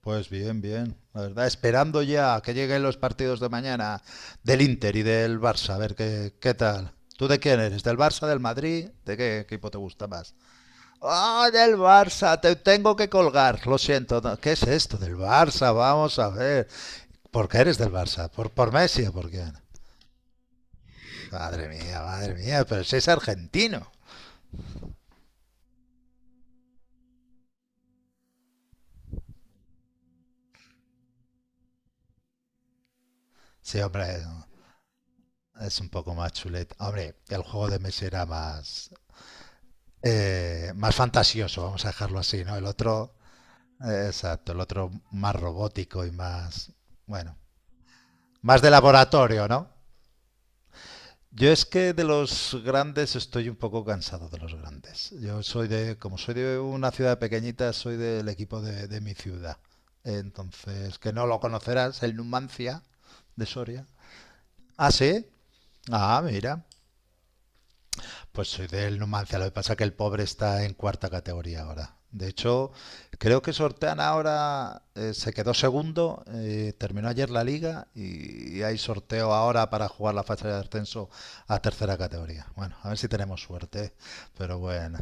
Pues bien, bien. La verdad, esperando ya que lleguen los partidos de mañana del Inter y del Barça, a ver qué tal. ¿Tú de quién eres? ¿Del Barça, del Madrid? ¿De qué equipo te gusta más? ¡Ah, del Barça! Te tengo que colgar. Lo siento. ¿Qué es esto del Barça? Vamos a ver. ¿Por qué eres del Barça? ¿Por Messi o por quién? Madre mía, pero si es argentino. Sí, hombre, es un poco más chuleta. Hombre, el juego de Messi era más fantasioso, vamos a dejarlo así, ¿no? El otro, exacto, el otro más robótico y más, bueno, más de laboratorio, ¿no? Yo es que de los grandes estoy un poco cansado de los grandes. Yo soy de, como soy de una ciudad pequeñita, soy del equipo de mi ciudad. Entonces, que no lo conocerás, el Numancia de Soria. Ah, sí. Ah, mira. Pues soy del Numancia, lo que pasa es que el pobre está en cuarta categoría ahora. De hecho, creo que sortean ahora, se quedó segundo, terminó ayer la liga y hay sorteo ahora para jugar la fase de ascenso a tercera categoría. Bueno, a ver si tenemos suerte, ¿eh? Pero bueno.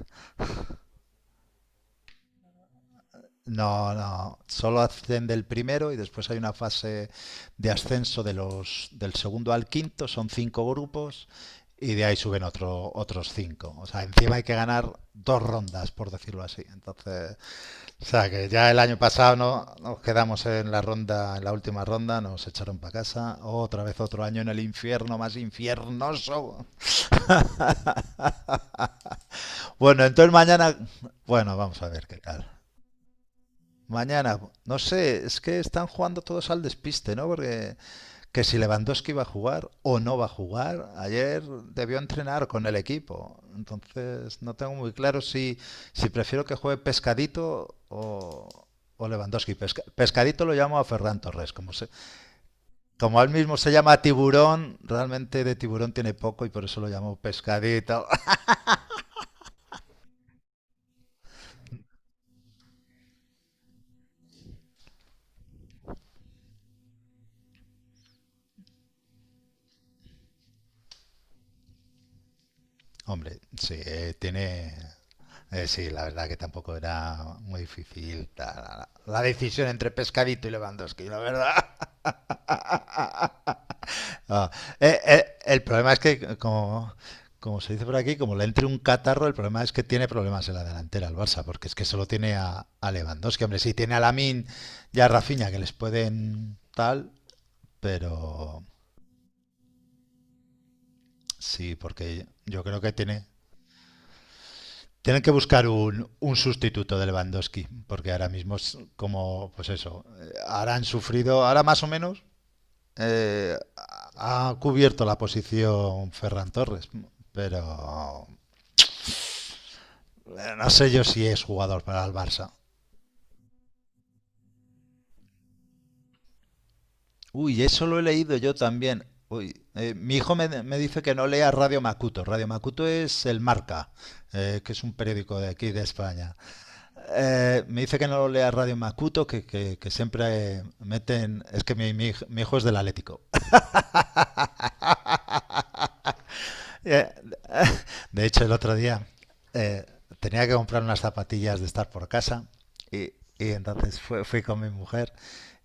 No, no, solo asciende el primero y después hay una fase de ascenso de los, del segundo al quinto, son cinco grupos y de ahí suben otros cinco. O sea, encima hay que ganar dos rondas, por decirlo así. Entonces, o sea, que ya el año pasado no nos quedamos en la ronda, en la última ronda, nos echaron para casa. Otra vez otro año en el infierno más infiernoso. Bueno, entonces mañana, bueno, vamos a ver qué tal. Mañana, no sé, es que están jugando todos al despiste, ¿no? Porque que si Lewandowski va a jugar o no va a jugar, ayer debió entrenar con el equipo. Entonces no tengo muy claro si prefiero que juegue Pescadito o Lewandowski. Pescadito lo llamo a Ferran Torres, como él mismo se llama Tiburón, realmente de tiburón tiene poco y por eso lo llamo Pescadito. Hombre, sí, tiene... sí, la verdad que tampoco era muy difícil la decisión entre Pescadito y Lewandowski, la verdad. Ah, el problema es que, como se dice por aquí, como le entre un catarro, el problema es que tiene problemas en la delantera el Barça, porque es que solo tiene a Lewandowski. Hombre, sí, tiene a Lamin y a Rafinha que les pueden tal, pero sí, porque yo creo que tiene... Tienen que buscar un sustituto de Lewandowski, porque ahora mismo es como, pues eso, ahora han sufrido, ahora más o menos eh, ha cubierto la posición Ferran Torres, pero no sé yo si es jugador para el Barça. Uy, eso lo he leído yo también. Uy, mi hijo me dice que no lea Radio Macuto. Radio Macuto es el Marca, que es un periódico de aquí de España. Me dice que no lea Radio Macuto, que siempre meten. Es que mi hijo es del Atlético. Eh, de hecho, el otro día eh, tenía que comprar unas zapatillas de estar por casa y, y entonces fui, con mi mujer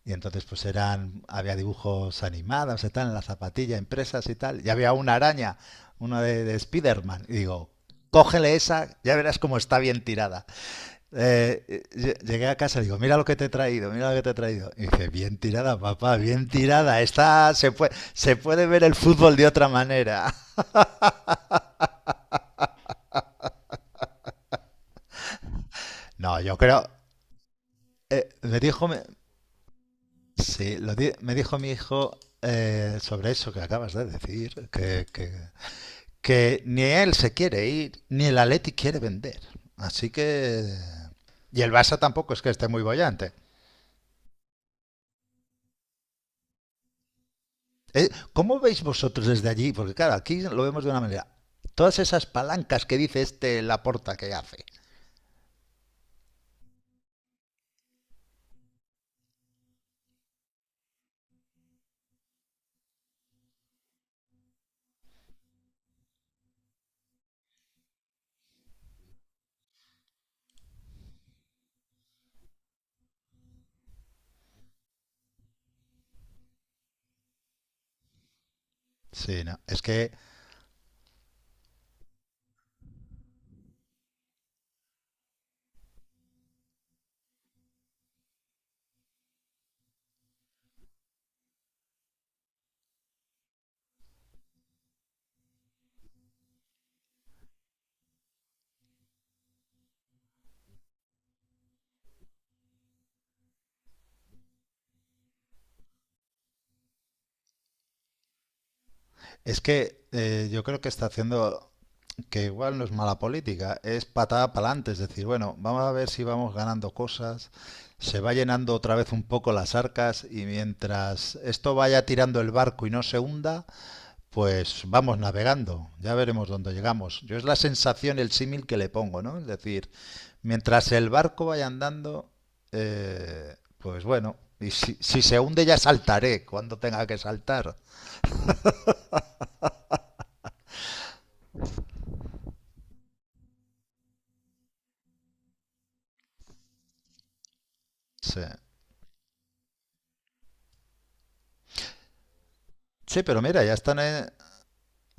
y entonces pues eran había dibujos animados y tal en la zapatilla, impresas y tal. Y había una araña, una de Spiderman. Y digo, cógele esa, ya verás cómo está bien tirada. Llegué a casa y digo, mira lo que te he traído, mira lo que te he traído. Y dije, bien tirada, papá, bien tirada. Está, se puede ver el fútbol de otra manera. No, yo creo. Me dijo, sí, me dijo mi hijo sobre eso que acabas de decir, que ni él se quiere ir, ni el Atleti quiere vender. Así que. Y el Barça tampoco es que esté muy bollante. ¿Cómo veis vosotros desde allí? Porque claro, aquí lo vemos de una manera. Todas esas palancas que dice este Laporta que hace. Sí, no. Es que yo creo que está haciendo que igual no es mala política, es patada para adelante, es decir, bueno, vamos a ver si vamos ganando cosas, se va llenando otra vez un poco las arcas y mientras esto vaya tirando el barco y no se hunda, pues vamos navegando, ya veremos dónde llegamos. Yo es la sensación, el símil que le pongo, ¿no? Es decir, mientras el barco vaya andando, pues bueno, y si se hunde ya saltaré cuando tenga que saltar. Sí. Sí, pero mira, ya están en...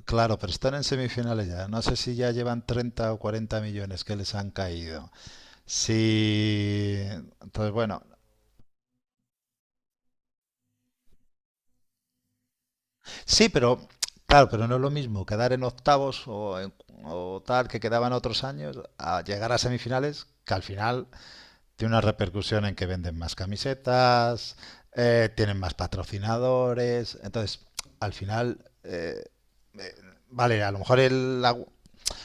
Claro, pero están en semifinales ya. No sé si ya llevan 30 o 40 millones que les han caído. Sí. Entonces, bueno, sí, pero claro, pero no es lo mismo quedar en octavos o tal que quedaban otros años a llegar a semifinales, que al final tiene una repercusión en que venden más camisetas, tienen más patrocinadores, entonces al final eh, vale, a lo mejor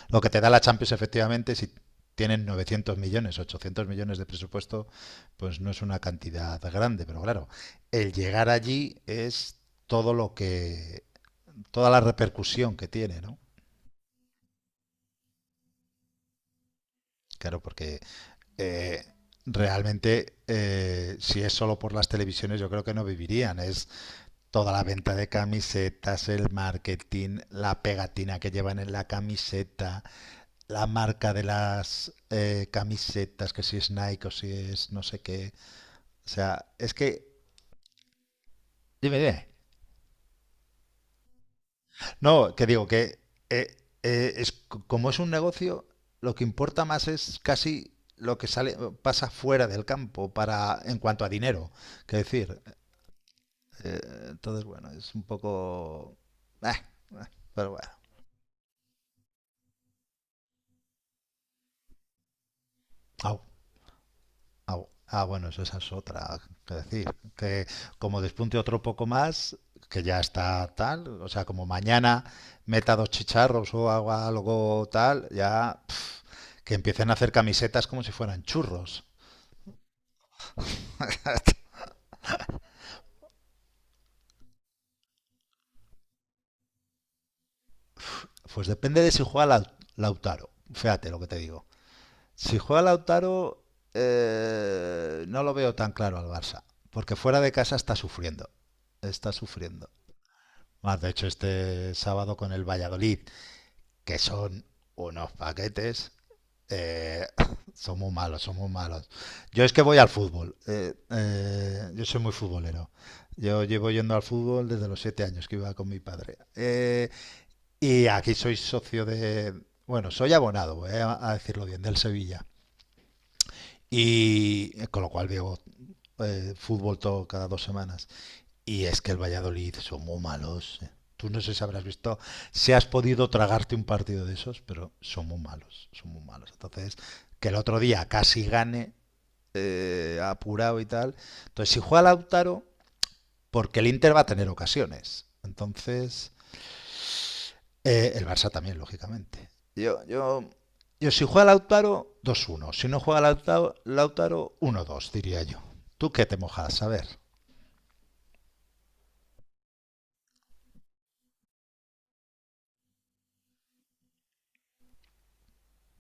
lo que te da la Champions efectivamente si tienen 900 millones, 800 millones de presupuesto, pues no es una cantidad grande, pero claro, el llegar allí es todo lo que toda la repercusión que tiene, ¿no? Claro, porque eh, realmente si es solo por las televisiones yo creo que no vivirían. Es toda la venta de camisetas, el marketing, la pegatina que llevan en la camiseta, la marca de las camisetas, que si es Nike o si es no sé qué. O sea, es que... Dime, dime. No, que digo que eh, como es un negocio, lo que importa más es casi lo que sale, pasa fuera del campo para, en cuanto a dinero. Que decir, eh, entonces, bueno, es un poco... eh, eh, pero bueno, au, au. Ah, bueno, eso, esa es otra. Que decir, que como despunte otro poco más, que ya está tal, o sea, como mañana meta dos chicharros o hago algo tal, ya que empiecen a hacer camisetas como si fueran churros. Pues depende de si juega Lautaro. Fíjate lo que te digo. Si juega Lautaro, no lo veo tan claro al Barça. Porque fuera de casa está sufriendo. Está sufriendo. Más de hecho, este sábado con el Valladolid, que son unos paquetes, eh, son muy malos, son muy malos. Yo es que voy al fútbol. Yo soy muy futbolero. Yo llevo yendo al fútbol desde los 7 años que iba con mi padre. Y aquí soy socio de, bueno, soy abonado, voy a, decirlo bien, del Sevilla. Y con lo cual veo fútbol todo cada 2 semanas. Y es que el Valladolid son muy malos. Tú no sé si habrás visto, si has podido tragarte un partido de esos, pero son muy malos, son muy malos. Entonces, que el otro día casi gane, apurado y tal. Entonces, si juega Lautaro, porque el Inter va a tener ocasiones. Entonces, el Barça también, lógicamente. Yo, yo, Yo, si juega Lautaro, 2-1. Si no juega Lautaro, Lautaro 1-2, diría yo. ¿Tú qué te mojas? A ver,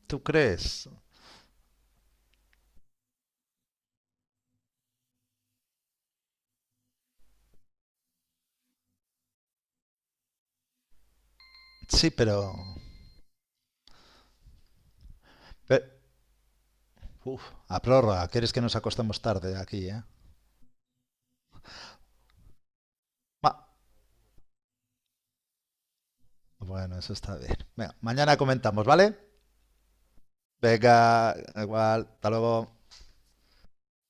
¿tú crees? Sí, pero... pe- uf, a prórroga, ¿quieres que nos acostemos tarde aquí, eh? Va, bueno, eso está bien. Venga, mañana comentamos, ¿vale? Venga, igual, hasta luego.